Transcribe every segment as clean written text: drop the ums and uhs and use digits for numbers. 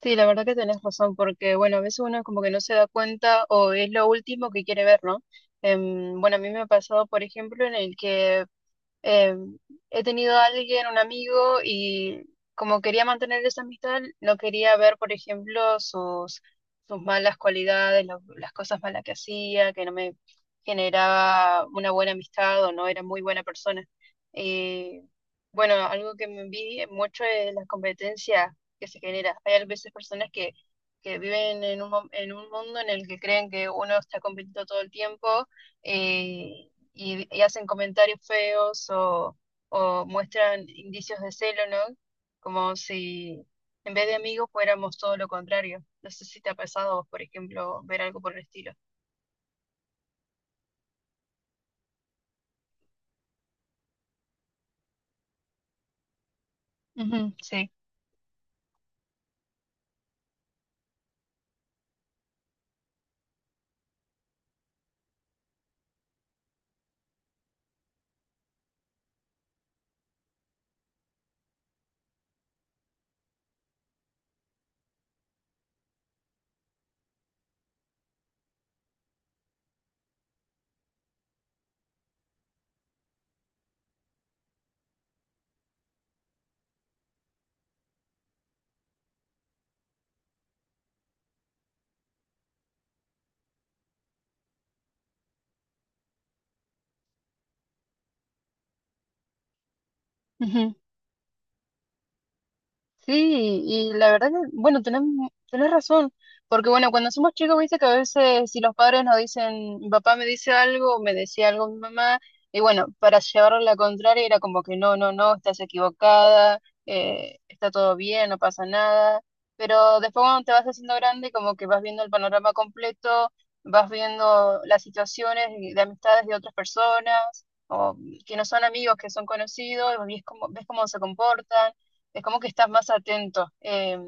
Sí, la verdad que tenés razón, porque bueno, a veces uno como que no se da cuenta o es lo último que quiere ver, ¿no? Bueno, a mí me ha pasado, por ejemplo, en el que eh, he tenido a alguien, un amigo, y como quería mantener esa amistad, no quería ver, por ejemplo, sus malas cualidades, las cosas malas que hacía, que no me generaba una buena amistad o no era muy buena persona. Eh, bueno, algo que me envidia mucho es la competencia que se genera. Hay a veces que viven en en un mundo en el que creen que uno está compitiendo todo el tiempo, eh, y hacen comentarios o muestran indicios de celo, ¿no? Como si en vez de amigos fuéramos todo lo contrario. No sé si te ha pasado a vos, por ejemplo, ver algo por el estilo. Ujú, sí. Ujú. Sí, y la verdad que, bueno, tenés razón, porque bueno, cuando somos chicos, viste que a veces si los padres nos dicen, "Mi papá me dice algo, o me decía algo mi mamá, y bueno, para llevarlo a la contraria era como que no, no, no, estás equivocada, está todo bien, no pasa nada, pero después cuando te vas haciendo grande, como que vas viendo el panorama completo, vas viendo las situaciones de amistades de otras personas, o que no son amigos, que son conocidos, y es como, ves cómo se comportan, es como que estás más atento,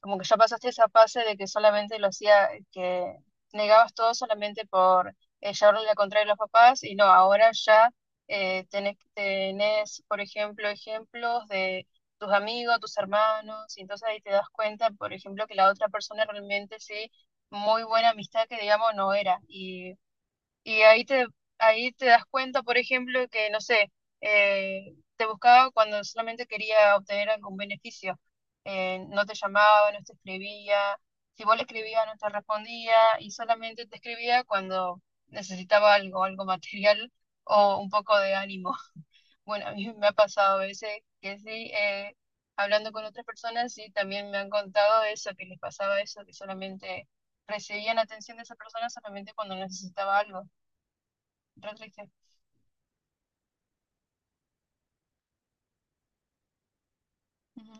como que ya pasaste esa fase de que solamente lo hacía, que negabas todo solamente por llevarle la contraria a los papás y no, ahora ya, tenés, por ejemplo, ejemplos de tus amigos, tus hermanos, y entonces ahí te das cuenta, por ejemplo, que la otra persona realmente sí, muy buena amistad que digamos no era. Y ahí te das cuenta, por ejemplo, que, no sé, te buscaba cuando solamente quería obtener algún beneficio. No te llamaba, no te escribía. Si vos le escribías, no te respondía, y solamente te escribía cuando necesitaba algo, algo material o un poco de ánimo. Bueno, a mí me ha pasado a veces que sí, hablando con otras personas, sí, también me han contado eso, que les pasaba eso, que solamente recibían atención de esa persona solamente cuando necesitaba algo. Restricción. Ujú.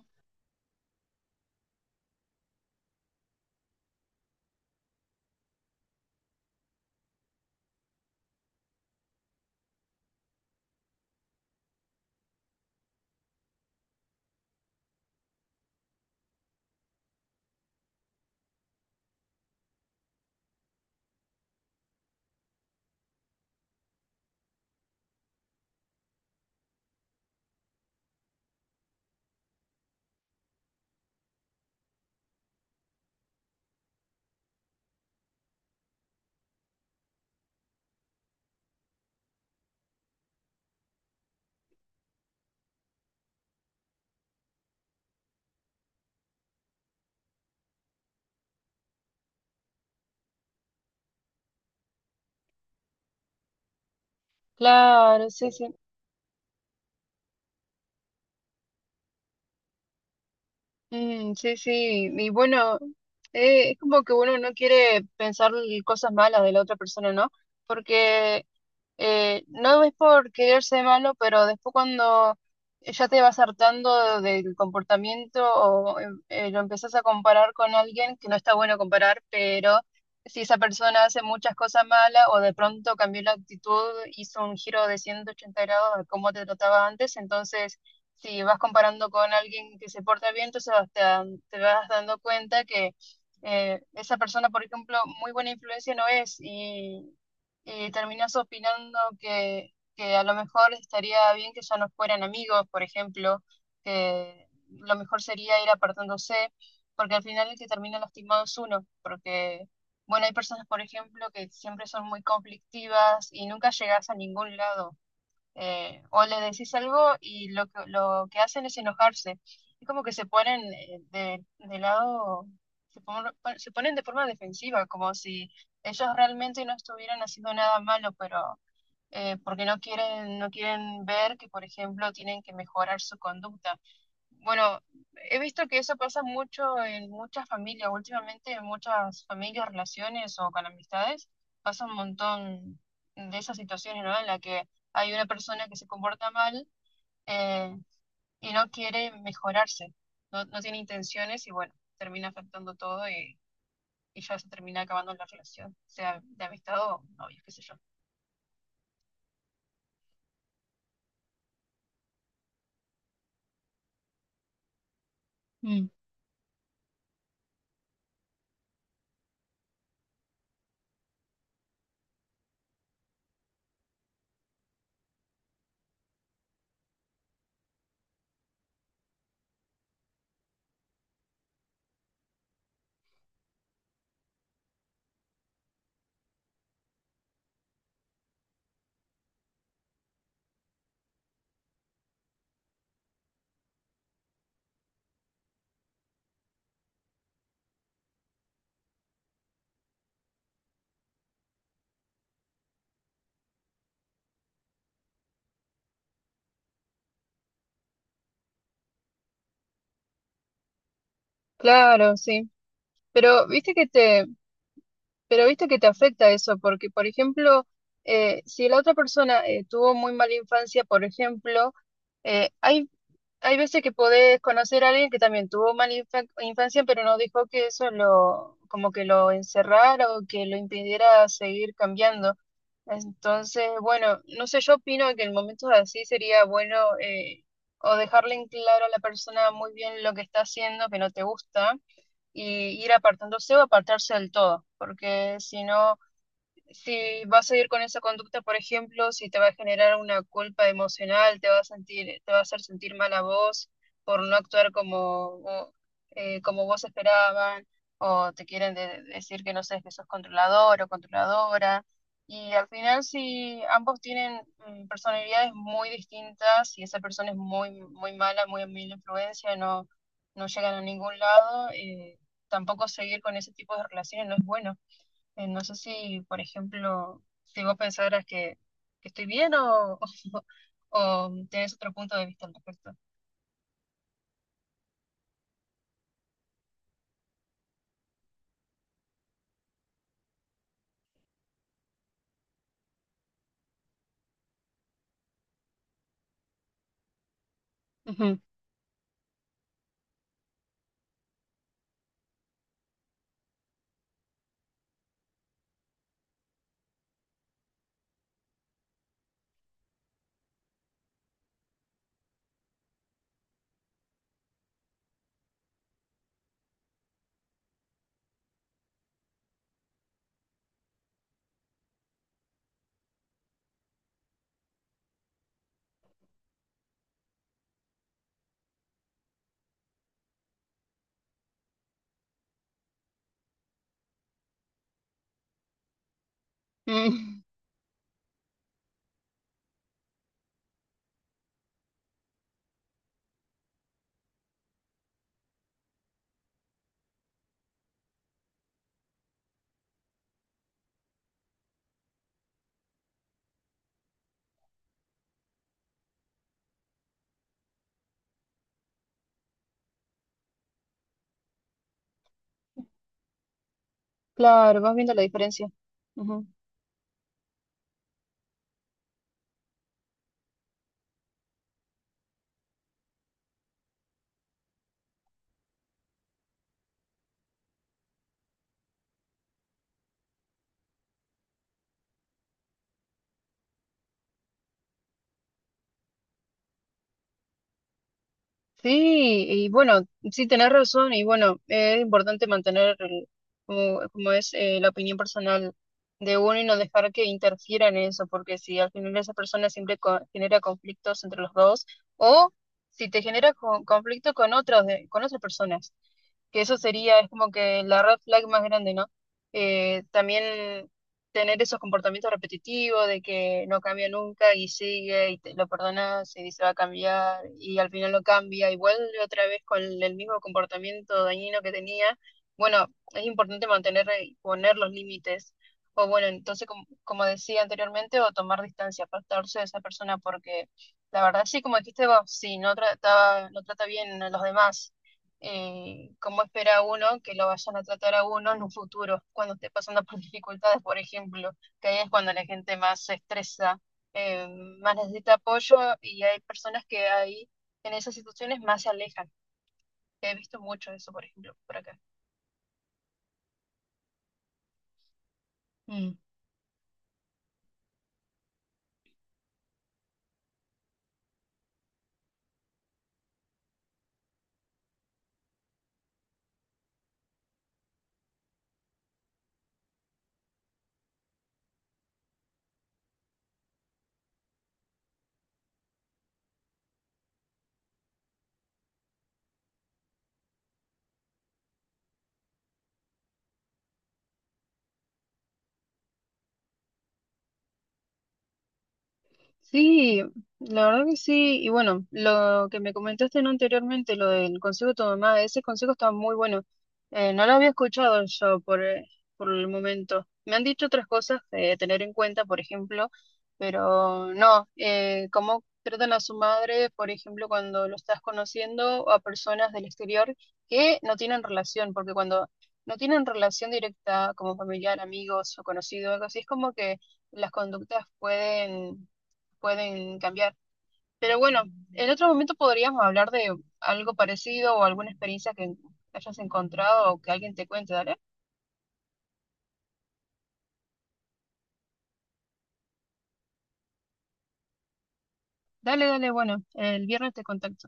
Claro, sí, sí. Mm, sí, sí. Y bueno, es como que uno no quiere pensar cosas malas de la otra persona, ¿no? Porque no es por quererse malo, pero después cuando ya te vas hartando del comportamiento o lo empezás a comparar con alguien, que no está bueno comparar, pero si esa persona hace muchas cosas malas o de pronto cambió la actitud, hizo un giro de 180 grados a cómo te trataba antes, entonces si vas comparando con alguien que se porta bien, entonces hasta te vas dando cuenta que esa persona, por ejemplo, muy buena influencia no es. Terminás opinando que a lo mejor estaría bien que ya no fueran amigos, por ejemplo, que lo mejor sería ir apartándose, porque al final el que termina lastimado es uno, porque, bueno, hay personas, por ejemplo, que siempre son muy conflictivas y nunca llegas a ningún lado, o le decís algo y lo que hacen es enojarse. Es como que se ponen de lado, se ponen de forma defensiva, como si ellos realmente no estuvieran haciendo nada malo, pero porque no quieren ver que, por ejemplo, tienen que mejorar su conducta. Bueno, he visto que eso pasa mucho en muchas familias, últimamente en muchas familias, relaciones o con amistades, pasa un montón de esas situaciones, ¿no? En la que hay una persona que se comporta mal, eh, y no quiere mejorarse, no tiene intenciones y bueno, termina afectando todo, y ya se termina acabando la relación, sea de amistad o novios, qué sé yo. Mm. Claro, sí. Pero viste que te, Pero viste que te afecta eso, porque por ejemplo, si la otra persona tuvo muy mala infancia, por ejemplo, eh, hay hay veces que podés conocer a alguien que también tuvo mala infancia, pero no dejó que eso lo como que lo encerrara o que lo impidiera seguir cambiando. Entonces, bueno, no sé, yo opino que en momentos así sería bueno, o dejarle en claro a la persona muy bien lo que está haciendo, que no te gusta, y ir apartándose o apartarse del todo, porque si no, si vas a ir con esa conducta, por ejemplo, si te va a generar una culpa emocional, te va a sentir, te va a hacer sentir mal a vos por no actuar como, como vos esperaban, o te quieren decir que no sé, que sos controlador o controladora. Y al final, si ambos tienen personalidades muy distintas y esa persona es muy, muy mala influencia, no, no llegan a ningún lado, tampoco seguir con ese tipo de relaciones no es bueno. No sé si, por ejemplo, si vos pensaras que estoy bien o, o, tienes otro punto de vista al respecto. Ujú. Mm, Claro, vas viendo la diferencia. Ujú. Sí, y bueno, sí, tenés razón, y bueno, es importante mantener como, como es, la opinión personal de uno y no dejar que interfiera en eso, porque si al final esa persona siempre genera conflictos entre los dos, o si te genera conflicto con otros, con otras personas, que eso sería, es como que la red flag más grande, ¿no? También tener esos comportamientos repetitivos de que no cambia nunca y sigue y te lo perdonas y dice va a cambiar y al final lo cambia y vuelve otra vez con el mismo comportamiento dañino que tenía. Bueno, es importante mantener y poner los límites. O bueno, entonces, como, como decía anteriormente, o tomar distancia, apartarse de esa persona porque la verdad sí, como dijiste vos, sí, no trata bien a los demás, cómo espera uno que lo vayan a tratar a uno en un futuro, cuando esté pasando por dificultades, por ejemplo, que ahí es cuando la gente más se estresa, eh, más necesita apoyo y hay personas que ahí en esas situaciones más se alejan. He visto mucho eso, por ejemplo, por acá. Sí, la verdad que sí. Y bueno, lo que me comentaste ¿no? anteriormente, lo del consejo de tu mamá, ese consejo está muy bueno. No lo había escuchado yo por el momento. Me han dicho otras cosas de tener en cuenta, por ejemplo, pero no, cómo tratan a su madre, por ejemplo, cuando lo estás conociendo o a personas del exterior que no tienen relación, porque cuando no tienen relación directa como familiar, amigos o conocido, algo así, es como que las conductas pueden cambiar. Pero bueno, en otro momento podríamos hablar de algo parecido o alguna experiencia que hayas encontrado o que alguien te cuente, ¿dale? Dale, dale, bueno, el viernes te contacto.